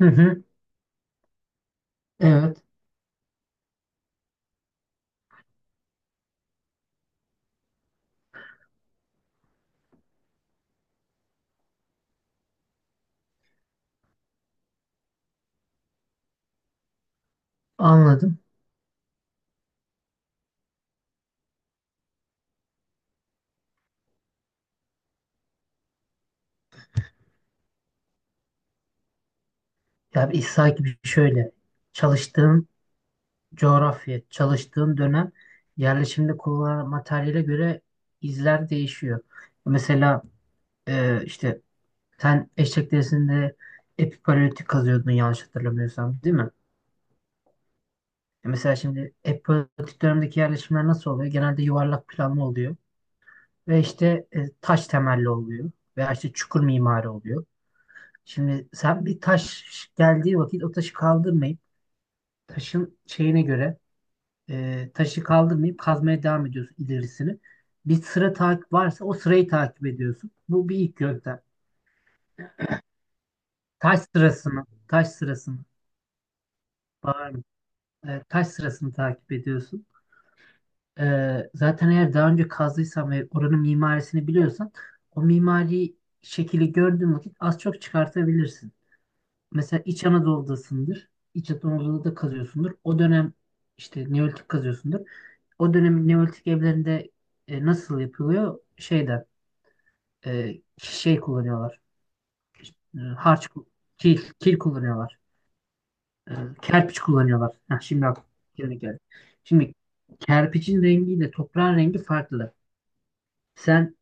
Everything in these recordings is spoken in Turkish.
Hı hı, evet anladım. Ya bir sanki bir şöyle çalıştığın coğrafya, çalıştığın dönem yerleşimde kullanılan materyale göre izler değişiyor. Mesela işte sen eşek derisinde epipaleolitik kazıyordun yanlış hatırlamıyorsam değil mi? Mesela şimdi epipaleolitik dönemdeki yerleşimler nasıl oluyor? Genelde yuvarlak planlı oluyor ve işte taş temelli oluyor veya işte çukur mimari oluyor. Şimdi sen bir taş geldiği vakit o taşı kaldırmayıp taşın şeyine göre taşı kaldırmayıp kazmaya devam ediyorsun ilerisini. Bir sıra takip varsa o sırayı takip ediyorsun. Bu bir ilk yöntem. Taş sırasını, taş sırasını, bağırma, taş sırasını takip ediyorsun. Zaten eğer daha önce kazdıysan ve oranın mimarisini biliyorsan o mimari şekli gördüğün vakit az çok çıkartabilirsin. Mesela İç Anadolu'dasındır. İç Anadolu'da da kazıyorsundur. O dönem işte Neolitik kazıyorsundur. O dönemin Neolitik evlerinde nasıl yapılıyor? Şeyden e, şey kullanıyorlar. E, harç ku- kil kullanıyorlar. E, Kerpiç kullanıyorlar. Heh, şimdi aklıma geldi. Şimdi kerpiçin rengiyle toprağın rengi farklı. Sen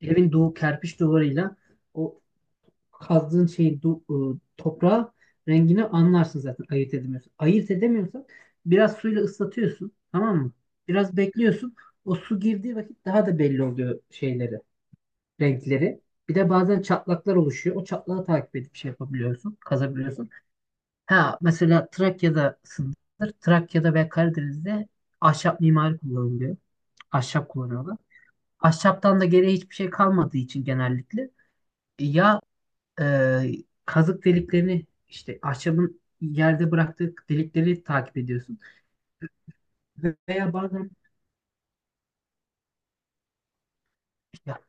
evin duvar kerpiç duvarıyla o kazdığın şeyin toprağı rengini anlarsın zaten ayırt edemiyorsun. Ayırt edemiyorsan biraz suyla ıslatıyorsun tamam mı? Biraz bekliyorsun. O su girdiği vakit daha da belli oluyor şeyleri, renkleri. Bir de bazen çatlaklar oluşuyor. O çatlağı takip edip şey yapabiliyorsun, kazabiliyorsun. Ha mesela Trakya'dasındır. Trakya'da ve Karadeniz'de ahşap mimari kullanılıyor. Ahşap kullanıyorlar. Ahşaptan da geriye hiçbir şey kalmadığı için genellikle ya e, kazık deliklerini işte ahşabın yerde bıraktığı delikleri takip ediyorsun. Veya bazen ya,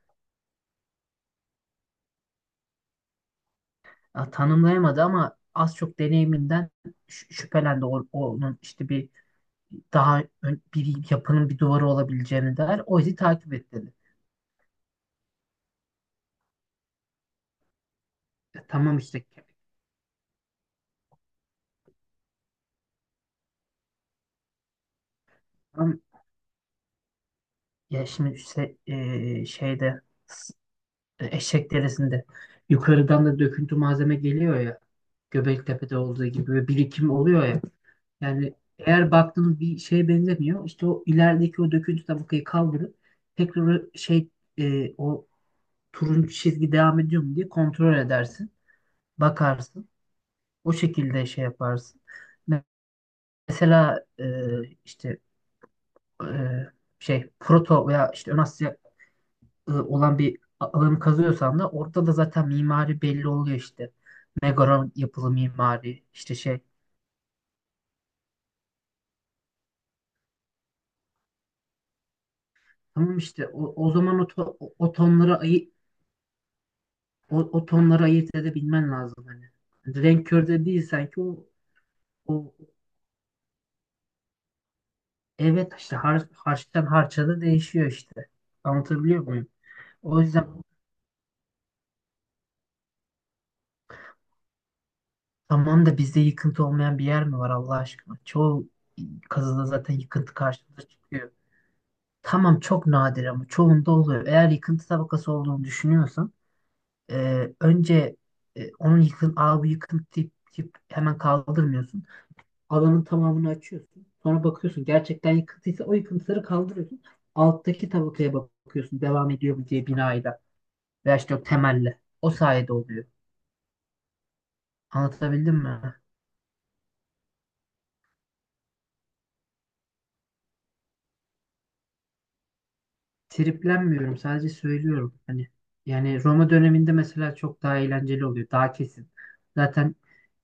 ya tanımlayamadı ama az çok deneyiminden şüphelendi onun işte bir yapının bir duvarı olabileceğini der. O izi takip et dedi. E, tamam işte. Tamam. Ya şimdi işte, şeyde s- eşek derisinde yukarıdan da döküntü malzeme geliyor ya. Göbeklitepe'de olduğu gibi bir birikim oluyor ya. Yani eğer baktığınız bir şeye benzemiyor, işte o ilerideki o döküntü tabakayı kaldırıp tekrar o şey, o turuncu çizgi devam ediyor mu diye kontrol edersin. Bakarsın. O şekilde şey yaparsın. Mesela işte e, şey Proto veya işte Ön Asya olan bir alanı kazıyorsan da orada da zaten mimari belli oluyor işte. Megaron yapılı mimari işte şey. Tamam işte o zaman o, to- o o tonları ayı o, o tonları ayırt edebilmen lazım hani. Hani renk körü de değil sanki o. Evet, işte harçtan harça da değişiyor işte. Anlatabiliyor muyum? O yüzden tamam da bizde yıkıntı olmayan bir yer mi var Allah aşkına? Çoğu kazıda zaten yıkıntı karşımıza çıkıyor. Tamam çok nadir ama çoğunda oluyor. Eğer yıkıntı tabakası olduğunu düşünüyorsan önce onun yıkın, aa bu yıkıntı tip hemen kaldırmıyorsun. Alanın tamamını açıyorsun. Sonra bakıyorsun gerçekten yıkıntıysa o yıkıntıları kaldırıyorsun. Alttaki tabakaya bakıyorsun devam ediyor mu diye binayla veya işte o temelle. O sayede oluyor. Anlatabildim mi? Triplenmiyorum. Sadece söylüyorum. Hani yani Roma döneminde mesela çok daha eğlenceli oluyor. Daha kesin. Zaten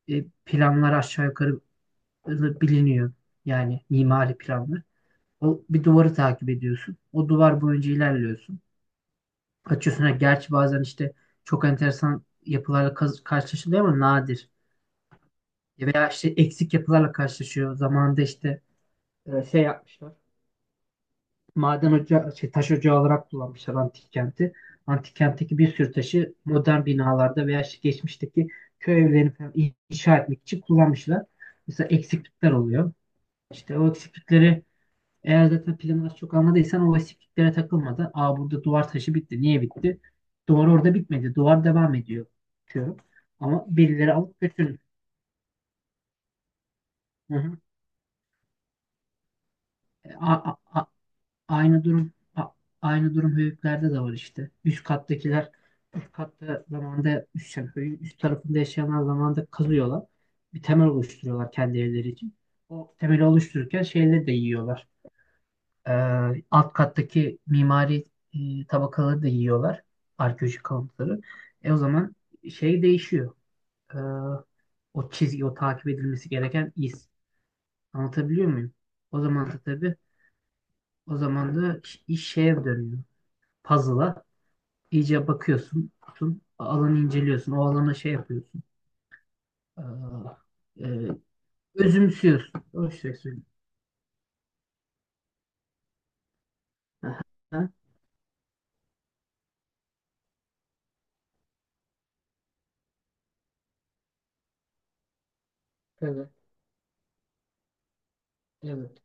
planlar aşağı yukarı biliniyor. Yani mimari planlar. O bir duvarı takip ediyorsun. O duvar boyunca ilerliyorsun. Açıyorsun. Ha, gerçi bazen işte çok enteresan yapılarla karşılaşılıyor ama nadir. Veya işte eksik yapılarla karşılaşıyor. Zamanında işte şey yapmışlar. Maden ocağı, şey, taş ocağı olarak kullanmışlar antik kenti. Antik kentteki bir sürü taşı modern binalarda veya işte geçmişteki köy evlerini falan inşa etmek için kullanmışlar. Mesela eksiklikler oluyor. İşte o eksiklikleri eğer zaten planı az çok anladıysan o eksikliklere takılmadan aa burada duvar taşı bitti. Niye bitti? Duvar orada bitmedi. Duvar devam ediyor, diyor. Ama birileri alıp götürün. Hı hı. E, a- a- Aynı durum a- aynı durum höyüklerde de var işte. Üst kattakiler üst katta zamanda üst, yani höyüğün üst tarafında yaşayanlar zamanda kazıyorlar. Bir temel oluşturuyorlar kendi evleri için. O temeli oluştururken şeyleri de yiyorlar. Ee, Alt kattaki mimari tabakaları da yiyorlar. Arkeolojik kalıntıları. O zaman şey değişiyor. Ee, O çizgi, o takip edilmesi gereken iz. Anlatabiliyor muyum? O zaman da tabii o zaman da iş şeye dönüyor, puzzle'a. İyice bakıyorsun, tutun, alanı inceliyorsun, o alana şey yapıyorsun. Ee, e, Özümsüyorsun. O şey söyleyeyim. Aha. Evet, evet.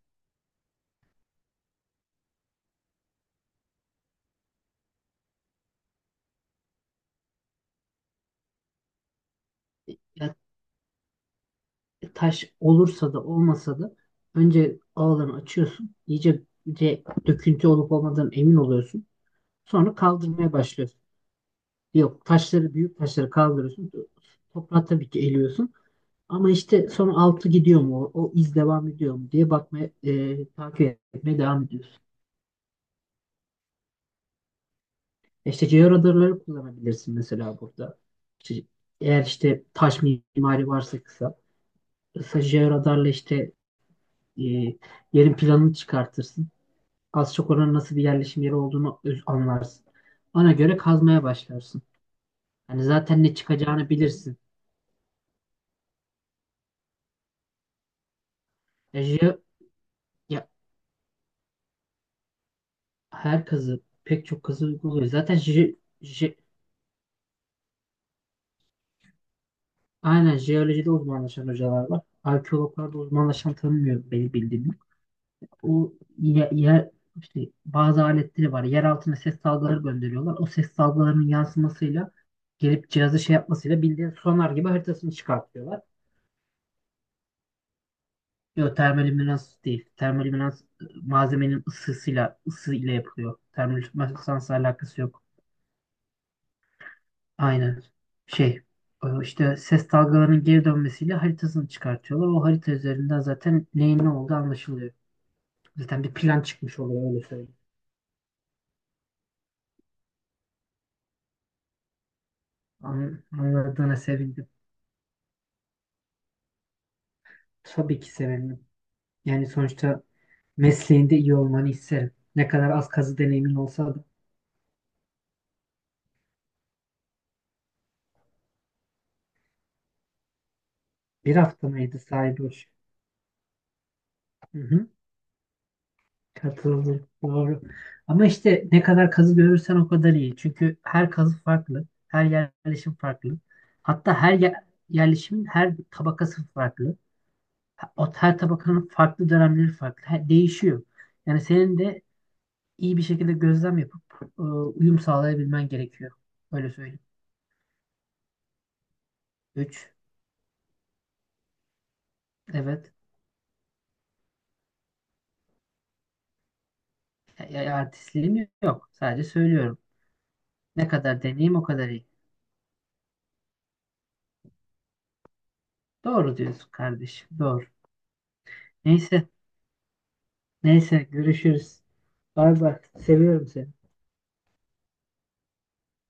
Ya, taş olursa da olmasa da önce alanı açıyorsun, iyice de döküntü olup olmadığından emin oluyorsun. Sonra kaldırmaya başlıyorsun. Yok taşları, büyük taşları kaldırıyorsun. Toprağı tabii ki eliyorsun. Ama işte sonra altı gidiyor mu? O iz devam ediyor mu diye bakmaya, takip etmeye devam ediyorsun. İşte georadarları kullanabilirsin mesela burada. İşte eğer işte taş mimari varsa kısa. Kısa georadarla işte e, yerin planını çıkartırsın. Az çok oranın nasıl bir yerleşim yeri olduğunu anlarsın. Ona göre kazmaya başlarsın. Hani zaten ne çıkacağını bilirsin. E, jeo- Ya, her kazı, pek çok kazı uyguluyor. Zaten je- aynen jeolojide uzmanlaşan hocalar var. Arkeologlarda uzmanlaşan tanımıyorum benim bildiğim. O yer, işte bazı aletleri var. Yer altına ses dalgaları gönderiyorlar. O ses dalgalarının yansımasıyla gelip cihazı şey yapmasıyla bildiğin sonar gibi haritasını çıkartıyorlar. Yok, termolüminans değil. Termolüminans malzemenin ısısıyla, ısı ile yapılıyor. Termolüminansla alakası yok. Aynen. Şey, işte ses dalgalarının geri dönmesiyle haritasını çıkartıyorlar. O harita üzerinden zaten neyin ne olduğu anlaşılıyor. Zaten bir plan çıkmış oluyor öyle söyleyeyim. Anladığına sevindim. Tabii ki severim. Yani sonuçta mesleğinde iyi olmanı isterim. Ne kadar az kazı deneyimin olsa da. Bir hafta mıydı sahibi hoş. Hı hı. Katıldım. Doğru. Ama işte ne kadar kazı görürsen o kadar iyi. Çünkü her kazı farklı. Her yerleşim farklı. Hatta her yerleşimin her tabakası farklı. O her tabakanın farklı dönemleri farklı. Değişiyor. Yani senin de iyi bir şekilde gözlem yapıp uyum sağlayabilmen gerekiyor. Öyle söyleyeyim. 3. Evet. Artistliğim yok. Sadece söylüyorum. Ne kadar deneyim o kadar iyi. Doğru diyorsun kardeşim. Doğru. Neyse. Neyse. Görüşürüz. Bay bay. Seviyorum seni.